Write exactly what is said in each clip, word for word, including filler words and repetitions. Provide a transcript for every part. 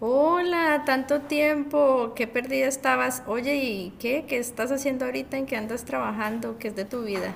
Hola, tanto tiempo, qué perdida estabas. Oye, ¿y qué? ¿Qué estás haciendo ahorita? ¿En qué andas trabajando? ¿Qué es de tu vida?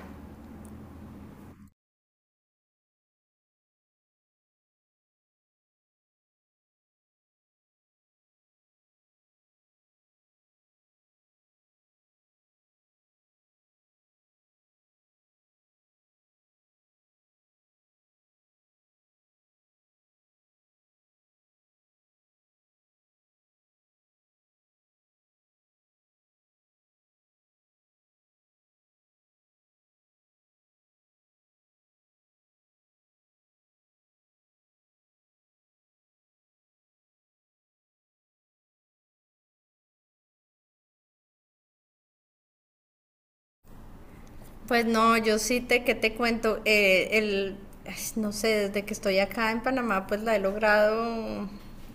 Pues no, yo sí te, ¿qué te cuento? Eh, el, ay, no sé, desde que estoy acá en Panamá, pues la he logrado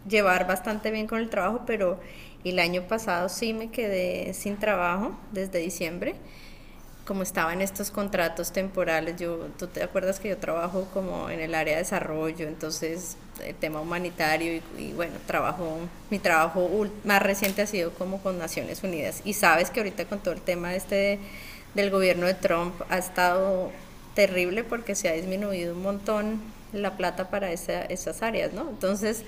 llevar bastante bien con el trabajo, pero el año pasado sí me quedé sin trabajo desde diciembre. Como estaba en estos contratos temporales, yo, tú te acuerdas que yo trabajo como en el área de desarrollo, entonces el tema humanitario y, y bueno, trabajo, mi trabajo más reciente ha sido como con Naciones Unidas, y sabes que ahorita con todo el tema este de, del gobierno de Trump ha estado terrible porque se ha disminuido un montón la plata para esa, esas áreas, ¿no? Entonces,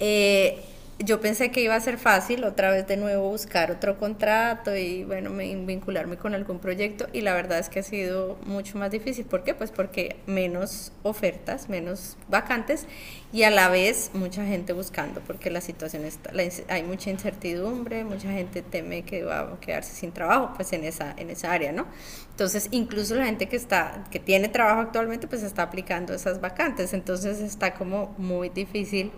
eh, yo pensé que iba a ser fácil otra vez de nuevo buscar otro contrato y bueno, me- vincularme con algún proyecto, y la verdad es que ha sido mucho más difícil. ¿Por qué? Pues porque menos ofertas, menos vacantes, y a la vez mucha gente buscando porque la situación está, la hay mucha incertidumbre, mucha gente teme que va a quedarse sin trabajo pues en esa, en esa área, ¿no? Entonces incluso la gente que está, que tiene trabajo actualmente pues está aplicando esas vacantes, entonces está como muy difícil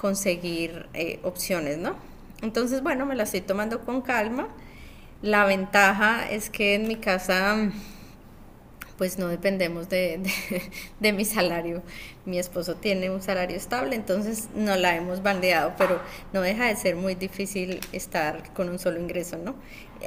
conseguir eh, opciones, ¿no? Entonces, bueno, me la estoy tomando con calma. La ventaja es que en mi casa pues no dependemos de, de, de, mi salario. Mi esposo tiene un salario estable, entonces no la hemos bandeado, pero no deja de ser muy difícil estar con un solo ingreso, ¿no?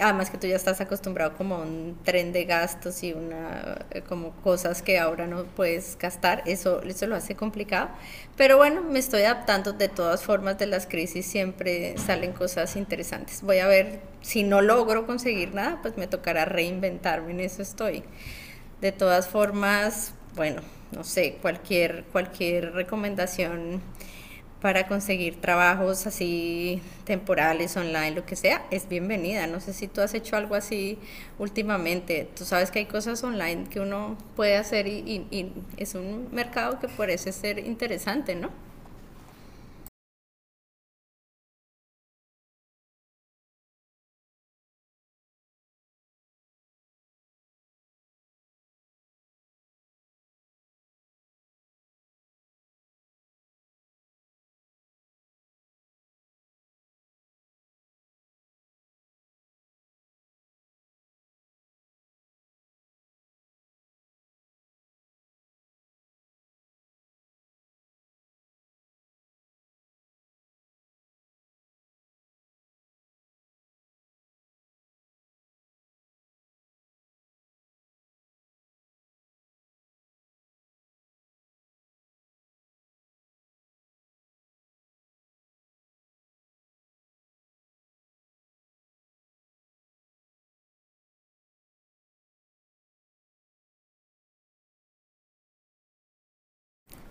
Además que tú ya estás acostumbrado como a un tren de gastos y una eh, como cosas que ahora no puedes gastar, eso, eso lo hace complicado. Pero bueno, me estoy adaptando. De todas formas, de las crisis siempre salen cosas interesantes. Voy a ver, si no logro conseguir nada, pues me tocará reinventarme, en eso estoy. De todas formas, bueno, no sé, cualquier, cualquier recomendación para conseguir trabajos así temporales, online, lo que sea, es bienvenida. No sé si tú has hecho algo así últimamente. Tú sabes que hay cosas online que uno puede hacer, y, y- y es un mercado que parece ser interesante, ¿no?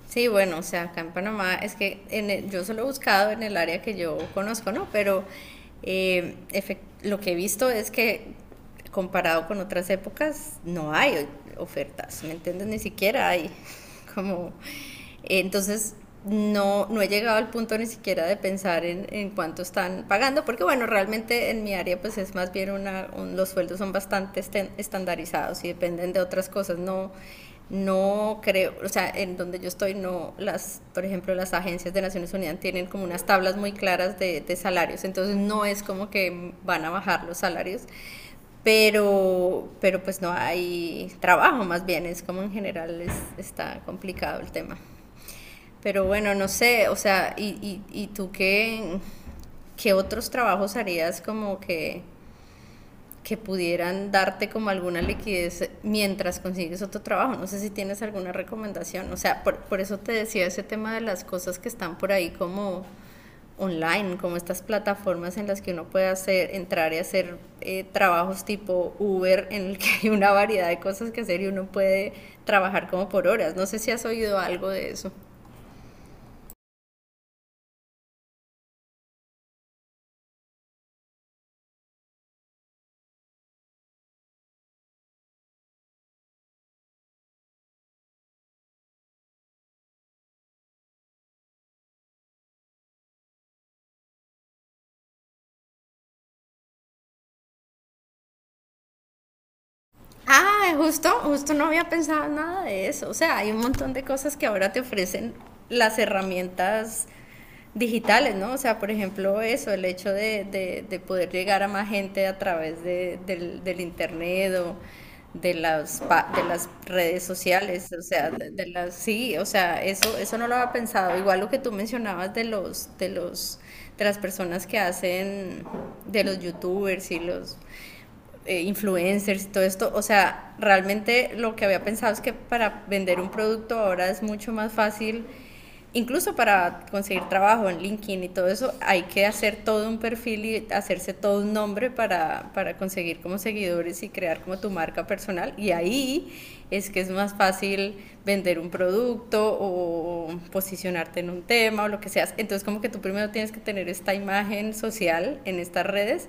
Sí, bueno, o sea, acá en Panamá es que en el- yo solo he buscado en el área que yo conozco, ¿no? Pero eh, efec- lo que he visto es que comparado con otras épocas no hay ofertas, ¿me entiendes? Ni siquiera hay como entonces, no, no he llegado al punto ni siquiera de pensar en, en cuánto están pagando, porque bueno, realmente en mi área pues es más bien una, un- los sueldos son bastante esten- estandarizados y dependen de otras cosas, no, no creo, o sea, en donde yo estoy no, las, por ejemplo, las agencias de Naciones Unidas tienen como unas tablas muy claras de, de salarios, entonces no es como que van a bajar los salarios, pero, pero pues no hay trabajo, más bien es como en general es, está complicado el tema. Pero bueno, no sé, o sea, ¿y, y, y tú qué, qué otros trabajos harías como que que pudieran darte como alguna liquidez mientras consigues otro trabajo? No sé si tienes alguna recomendación. O sea, por, por eso te decía ese tema de las cosas que están por ahí como online, como estas plataformas en las que uno puede hacer, entrar y hacer eh, trabajos tipo Uber, en el que hay una variedad de cosas que hacer y uno puede trabajar como por horas. No sé si has oído algo de eso. Ah, justo, justo no había pensado nada de eso. O sea, hay un montón de cosas que ahora te ofrecen las herramientas digitales, ¿no? O sea, por ejemplo, eso, el hecho de, de, de poder llegar a más gente a través de, del, del internet o de las, pa- de las redes sociales, o sea, de, de las, sí, o sea, eso, eso no lo había pensado. Igual lo que tú mencionabas de los, de los, de las personas que hacen, de los youtubers y los eh, influencers y todo esto, o sea, realmente lo que había pensado es que para vender un producto ahora es mucho más fácil, incluso para conseguir trabajo en LinkedIn y todo eso, hay que hacer todo un perfil y hacerse todo un nombre para, para conseguir como seguidores y crear como tu marca personal. Y ahí es que es más fácil vender un producto o posicionarte en un tema o lo que seas. Entonces como que tú primero tienes que tener esta imagen social en estas redes,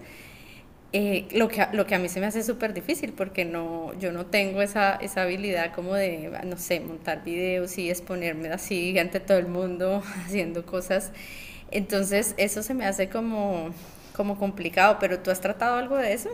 eh, lo, que, lo que a mí se me hace súper difícil porque no, yo no tengo esa, esa habilidad como de, no sé, montar videos y exponerme así ante todo el mundo haciendo cosas. Entonces eso se me hace como, como complicado, pero ¿tú has tratado algo de eso?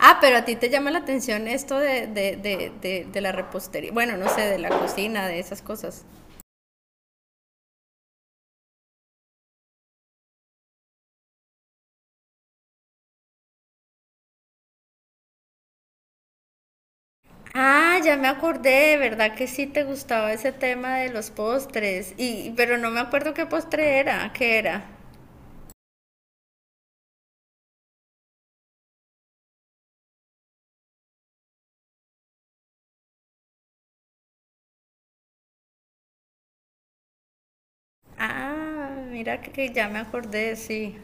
Ah, pero a ti te llama la atención esto de, de, de, de, de la repostería, bueno, no sé, de la cocina, de esas cosas. Ah, ya me acordé, ¿verdad que sí te gustaba ese tema de los postres? Y pero no me acuerdo qué postre era, ¿qué era? Ah, mira que, que ya me acordé, sí.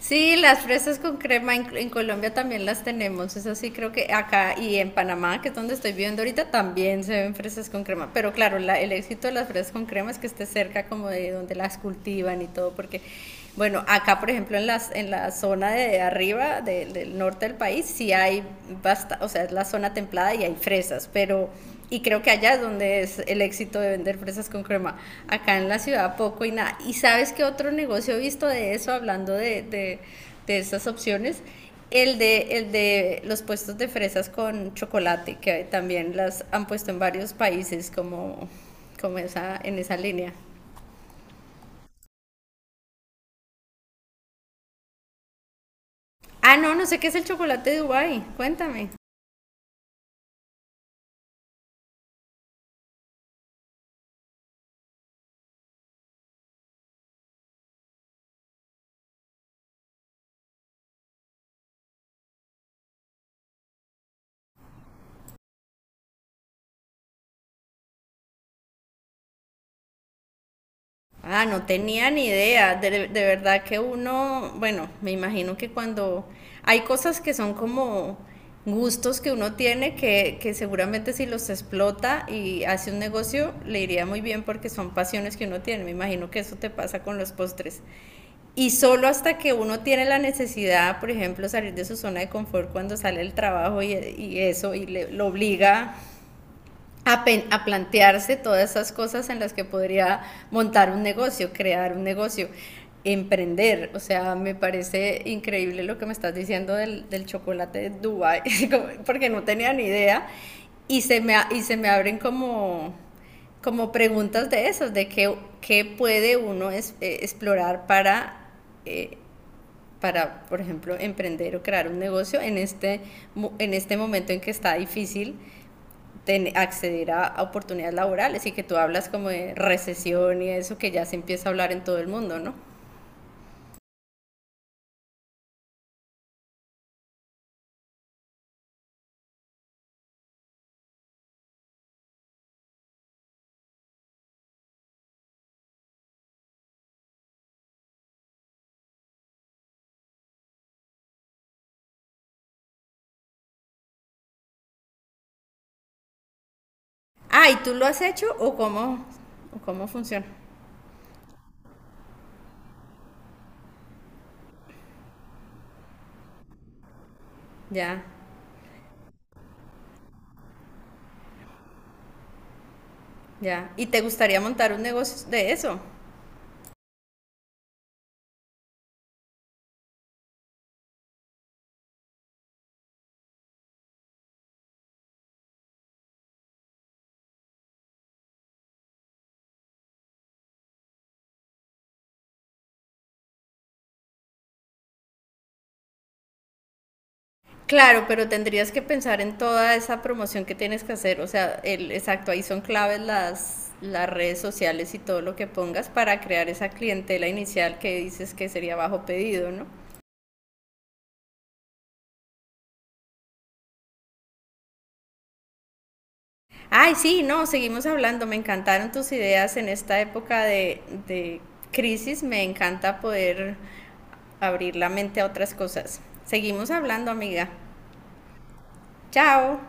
Sí, las fresas con crema en, en Colombia también las tenemos. Eso sí, creo que acá y en Panamá, que es donde estoy viviendo ahorita, también se ven fresas con crema. Pero claro, la- el éxito de las fresas con crema es que esté cerca como de donde las cultivan y todo, porque bueno, acá, por ejemplo, en las, en la zona de arriba, de- del norte del país, sí hay basta, o sea, es la zona templada y hay fresas, pero y creo que allá es donde es el éxito de vender fresas con crema. Acá en la ciudad poco y nada. ¿Y sabes qué otro negocio he visto de eso, hablando de, de, de estas opciones? El de, el de los puestos de fresas con chocolate, que también las han puesto en varios países como, como esa, en esa línea. Ah, no, no sé qué es el chocolate de Dubai. Cuéntame. Ah, no tenía ni idea. De, de verdad que uno, bueno, me imagino que cuando hay cosas que son como gustos que uno tiene que, que seguramente si los explota y hace un negocio le iría muy bien porque son pasiones que uno tiene. Me imagino que eso te pasa con los postres. Y solo hasta que uno tiene la necesidad, por ejemplo, salir de su zona de confort cuando sale el trabajo y, y eso, y le, lo obliga a, a, plantearse todas esas cosas en las que podría montar un negocio, crear un negocio, emprender. O sea, me parece increíble lo que me estás diciendo del, del chocolate de Dubai, porque no tenía ni idea. Y se me, y se me abren como, como preguntas de esas, de qué, qué puede uno es, eh, explorar para... Eh, para, por ejemplo, emprender o crear un negocio en este, en este momento en que está difícil ten, acceder a, a oportunidades laborales, y que tú hablas como de recesión, y eso que ya se empieza a hablar en todo el mundo, ¿no? Ah, ¿y tú lo has hecho o cómo, o cómo funciona? Ya, ya. ¿Y te gustaría montar un negocio de eso? Claro, pero tendrías que pensar en toda esa promoción que tienes que hacer. O sea, el, exacto, ahí son claves las, las redes sociales y todo lo que pongas para crear esa clientela inicial que dices que sería bajo pedido, ¿no? Ay, sí, no, seguimos hablando. Me encantaron tus ideas en esta época de, de crisis. Me encanta poder abrir la mente a otras cosas. Seguimos hablando, amiga. Chao.